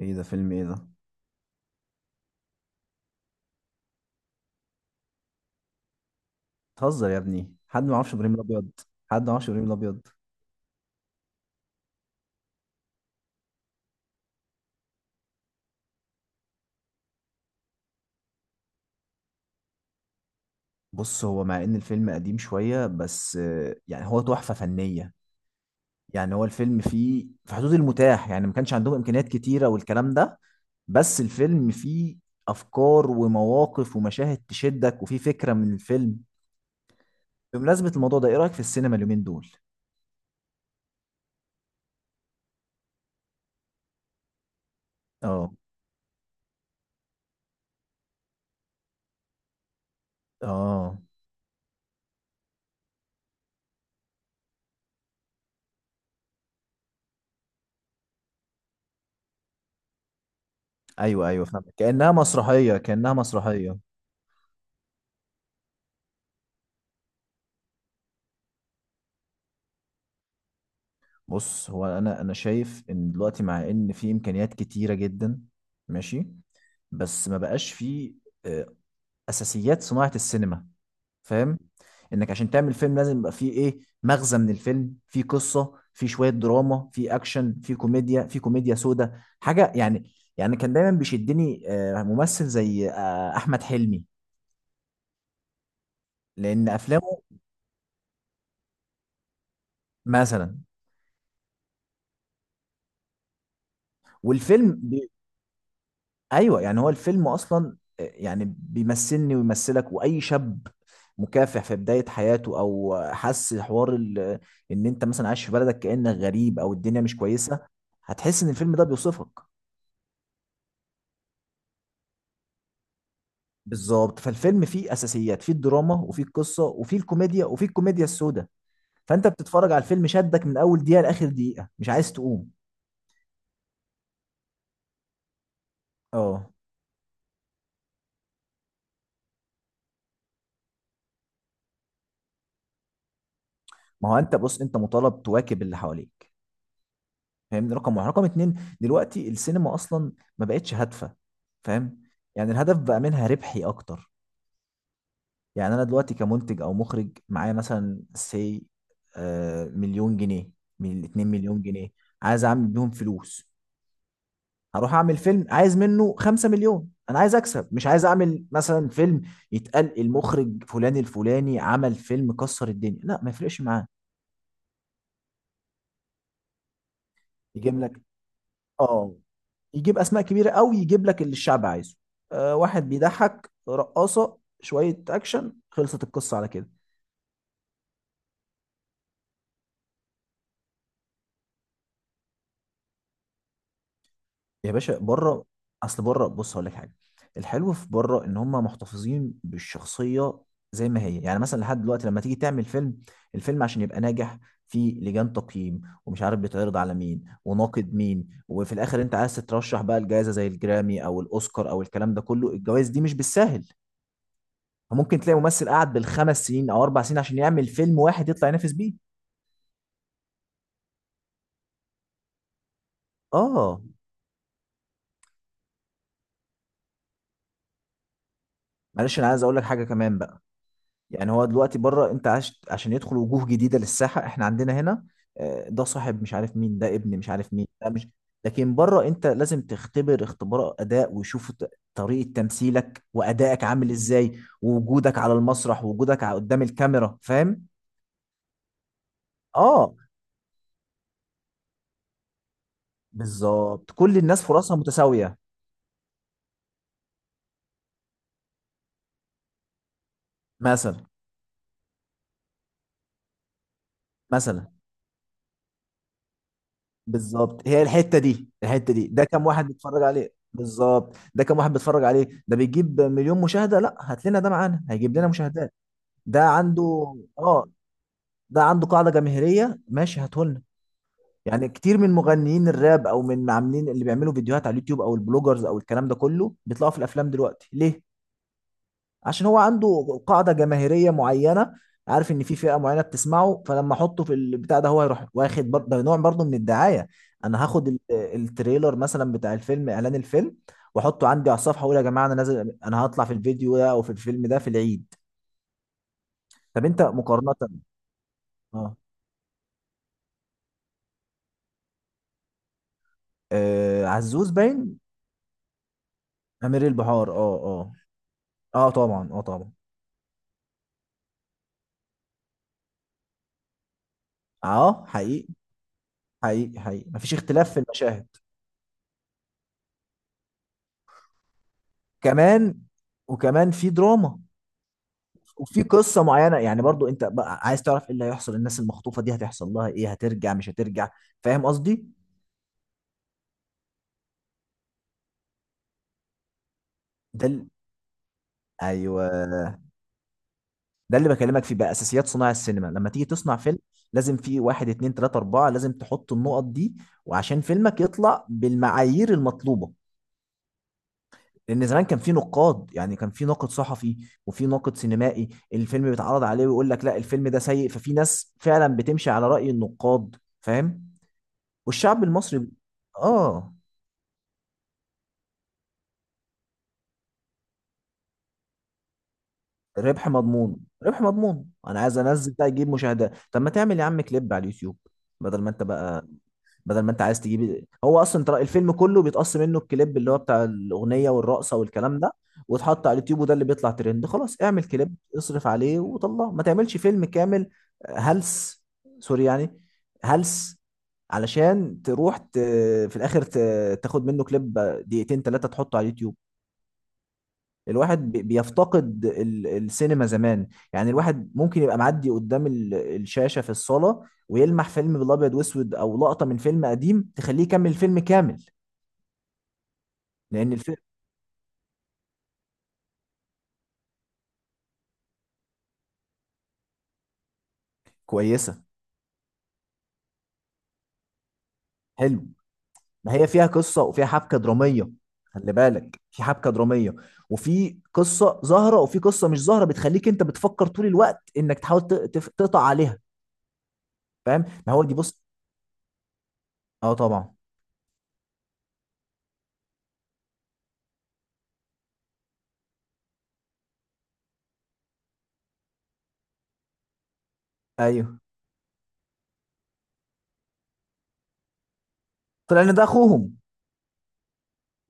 ايه ده؟ فيلم ايه ده؟ بتهزر يا ابني؟ حد ما يعرفش ابراهيم الابيض؟ حد ما يعرفش ابراهيم الابيض! بص، هو مع ان الفيلم قديم شويه، بس يعني هو تحفه فنيه. يعني هو الفيلم فيه في حدود المتاح، يعني ما كانش عندهم امكانيات كتيره والكلام ده. بس الفيلم فيه افكار ومواقف ومشاهد تشدك، وفيه فكره من الفيلم. بمناسبه الموضوع ده، ايه رايك في السينما اليومين دول؟ اه. اه. ايوه، ايوه، فهمت، كانها مسرحيه، كانها مسرحيه. بص، هو انا شايف ان دلوقتي مع ان في امكانيات كتيره جدا. ماشي. بس ما بقاش في آه، اساسيات صناعه السينما. فاهم؟ انك عشان تعمل فيلم، لازم يبقى فيه ايه مغزى من الفيلم، فيه قصه، فيه شويه دراما، فيه اكشن، فيه كوميديا، فيه كوميديا سودا، حاجه يعني. يعني كان دايما بيشدني ممثل زي احمد حلمي. لان افلامه، مثلا. والفيلم. ايوه، يعني هو الفيلم اصلا يعني بيمثلني ويمثلك واي شاب مكافح في بدايه حياته، او حس حوار ان انت مثلا عايش في بلدك كانك غريب، او الدنيا مش كويسه. هتحس ان الفيلم ده بيوصفك. بالظبط، فالفيلم فيه اساسيات، فيه الدراما، وفيه القصه، وفيه الكوميديا، وفيه الكوميديا السوداء. فانت بتتفرج على الفيلم، شدك من اول دقيقه لاخر دقيقه، مش عايز تقوم. اه. ما هو انت بص، انت مطالب تواكب اللي حواليك. فاهمني؟ رقم واحد، رقم اتنين، دلوقتي السينما اصلا ما بقتش هادفه. فاهم؟ يعني الهدف بقى منها ربحي اكتر. يعني انا دلوقتي كمنتج او مخرج، معايا مثلا سي مليون جنيه، من 2 مليون جنيه، عايز اعمل بيهم فلوس. هروح اعمل فيلم عايز منه 5 مليون، انا عايز اكسب، مش عايز اعمل مثلا فيلم يتقال المخرج فلان الفلاني عمل فيلم كسر الدنيا، لا، ما يفرقش معاه. يجيب لك. اه. يجيب اسماء كبيره قوي، يجيب لك اللي الشعب عايزه. واحد بيضحك، رقاصه، شويه اكشن، خلصت القصه على كده. يا باشا، بره. اصل بره، بص هقول لك حاجه. الحلو في بره ان هم محتفظين بالشخصيه زي ما هي. يعني مثلا لحد دلوقتي، لما تيجي تعمل فيلم، الفيلم عشان يبقى ناجح، في لجان تقييم ومش عارف بيتعرض على مين وناقد مين، وفي الاخر انت عايز تترشح بقى الجائزه زي الجرامي او الاوسكار او الكلام ده كله. الجوائز دي مش بالساهل. ممكن تلاقي ممثل قعد بالخمس سنين او اربع سنين عشان يعمل فيلم واحد يطلع ينافس بيه. اه. معلش، انا عايز اقول لك حاجه كمان بقى. يعني هو دلوقتي بره، انت عشان يدخل وجوه جديده للساحه. احنا عندنا هنا ده صاحب مش عارف مين، ده ابن مش عارف مين، ده مش. لكن بره، انت لازم تختبر اختبار اداء ويشوفوا طريقه تمثيلك وادائك عامل ازاي، ووجودك على المسرح، ووجودك قدام الكاميرا. فاهم؟ اه. بالظبط، كل الناس فرصها متساويه. مثلا. مثلا. بالظبط، هي الحته دي، الحته دي، ده كم واحد بيتفرج عليه بالظبط؟ ده كم واحد بيتفرج عليه؟ ده بيجيب مليون مشاهده؟ لا، هات لنا ده، معانا هيجيب لنا مشاهدات. ده عنده، اه، ده عنده قاعده جماهيريه، ماشي، هاته لنا. يعني كتير من مغنيين الراب، او من عاملين اللي بيعملوا فيديوهات على اليوتيوب، او البلوجرز، او الكلام ده كله بيطلعوا في الافلام دلوقتي. ليه؟ عشان هو عنده قاعدة جماهيرية معينة، عارف ان في فئة معينة بتسمعه، فلما احطه في البتاع ده، هو هيروح واخد ده نوع برضه من الدعاية. انا هاخد التريلر مثلا بتاع الفيلم، اعلان الفيلم، واحطه عندي على الصفحة، واقول يا جماعة انا نازل، انا هطلع في الفيديو ده او في الفيلم ده في العيد. طب انت، مقارنة. اه، آه عزوز باين. امير البحار. اه، اه. اه طبعا، اه طبعا. اه، حقيقي، حقيقي، حقيقي، مفيش اختلاف في المشاهد. كمان، وكمان في دراما، وفي قصه معينه، يعني برضو انت بقى عايز تعرف ايه اللي هيحصل، الناس المخطوفه دي هتحصل لها ايه، هترجع مش هترجع. فاهم قصدي؟ ده ال... ايوه، ده اللي بكلمك فيه بقى، اساسيات صناع السينما، لما تيجي تصنع فيلم، لازم في واحد اتنين تلاته اربعه، لازم تحط النقط دي. وعشان فيلمك يطلع بالمعايير المطلوبه. لان زمان كان في نقاد، يعني كان في ناقد صحفي وفي ناقد سينمائي، الفيلم بيتعرض عليه ويقول لك لا الفيلم ده سيء. ففي ناس فعلا بتمشي على رأي النقاد. فاهم؟ والشعب المصري. اه، ربح مضمون، ربح مضمون، انا عايز انزل ده يجيب مشاهدات؟ طب ما تعمل يا عم كليب على اليوتيوب. بدل ما انت بقى، بدل ما انت عايز تجيب، هو اصلا ترى الفيلم كله بيتقص منه الكليب اللي هو بتاع الاغنيه والرقصه والكلام ده، واتحط على اليوتيوب، وده اللي بيطلع ترند. خلاص، اعمل كليب، اصرف عليه وطلعه، ما تعملش فيلم كامل. هلس. سوري يعني. هلس. علشان تروح في الاخر تاخد منه كليب دقيقتين ثلاثه تحطه على اليوتيوب. الواحد بيفتقد السينما زمان. يعني الواحد ممكن يبقى معدي قدام الشاشة في الصالة، ويلمح فيلم بالابيض واسود او لقطة من فيلم قديم تخليه يكمل الفيلم كامل. لان الفيلم كويسة. حلو. ما هي فيها قصة وفيها حبكة درامية. خلي بالك، في حبكة درامية، وفي قصة ظاهرة وفي قصة مش ظاهرة بتخليك انت بتفكر طول الوقت انك تحاول تقطع عليها. فاهم؟ ما هو دي بص. اه طبعا. ايوه. طلع ان ده اخوهم.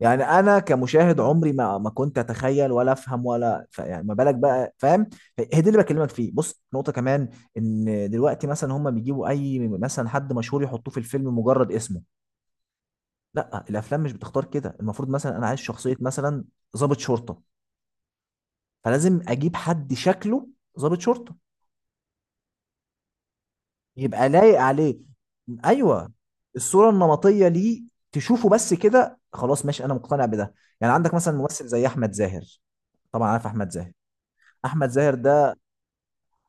يعني انا كمشاهد، عمري ما كنت اتخيل ولا افهم ولا يعني ما بالك بقى، فاهم؟ هي دي اللي بكلمك فيه، بص، نقطه كمان، ان دلوقتي مثلا هم بيجيبوا اي مثلا حد مشهور يحطوه في الفيلم مجرد اسمه. لا، الافلام مش بتختار كده. المفروض مثلا انا عايز شخصيه مثلا ضابط شرطه، فلازم اجيب حد شكله ضابط شرطه يبقى لايق عليه. ايوه. الصوره النمطيه ليه، تشوفه بس كده خلاص، ماشي، انا مقتنع بده. يعني عندك مثلا ممثل زي احمد زاهر. طبعا عارف احمد زاهر. احمد زاهر ده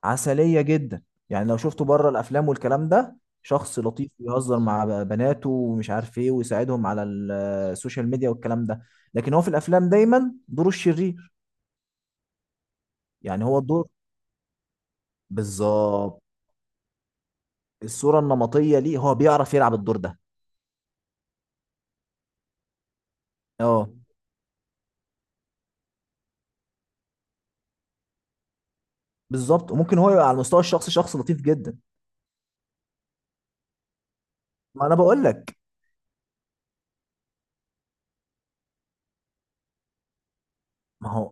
عسليه جدا. يعني لو شفته بره الافلام والكلام ده، شخص لطيف ويهزر مع بناته ومش عارف ايه، ويساعدهم على السوشيال ميديا والكلام ده. لكن هو في الافلام دايما دوره الشرير. يعني هو الدور، بالظبط، الصوره النمطيه ليه، هو بيعرف يلعب الدور ده. اه، بالظبط، وممكن هو يبقى على المستوى الشخصي شخص لطيف جدا. ما انا بقول لك. ما هو.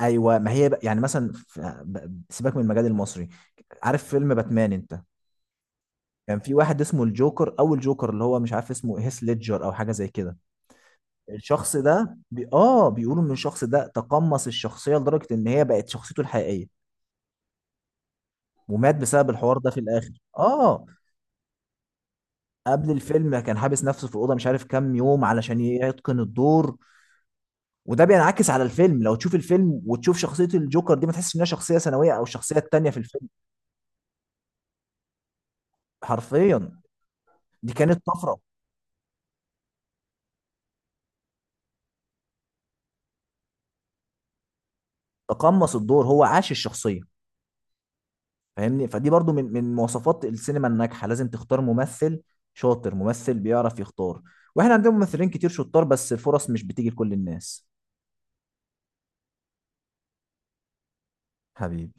ايوه، ما هي بقى. يعني مثلا سيبك من المجال المصري. عارف فيلم باتمان انت؟ كان في واحد اسمه الجوكر، او الجوكر اللي هو مش عارف اسمه هيث ليدجر او حاجه زي كده. اه، بيقولوا ان الشخص ده تقمص الشخصيه لدرجه ان هي بقت شخصيته الحقيقيه، ومات بسبب الحوار ده في الاخر. اه. قبل الفيلم كان حابس نفسه في الاوضه مش عارف كام يوم علشان يتقن الدور. وده بينعكس على الفيلم، لو تشوف الفيلم وتشوف شخصيه الجوكر دي، ما تحسش انها شخصيه ثانويه او الشخصيه التانيه في الفيلم. حرفيا. دي كانت طفره. تقمص الدور، هو عاش الشخصيه. فاهمني؟ فدي برضو من مواصفات السينما الناجحه، لازم تختار ممثل شاطر، ممثل بيعرف يختار. واحنا عندنا ممثلين كتير شطار، بس الفرص مش بتيجي لكل الناس. حبيبي.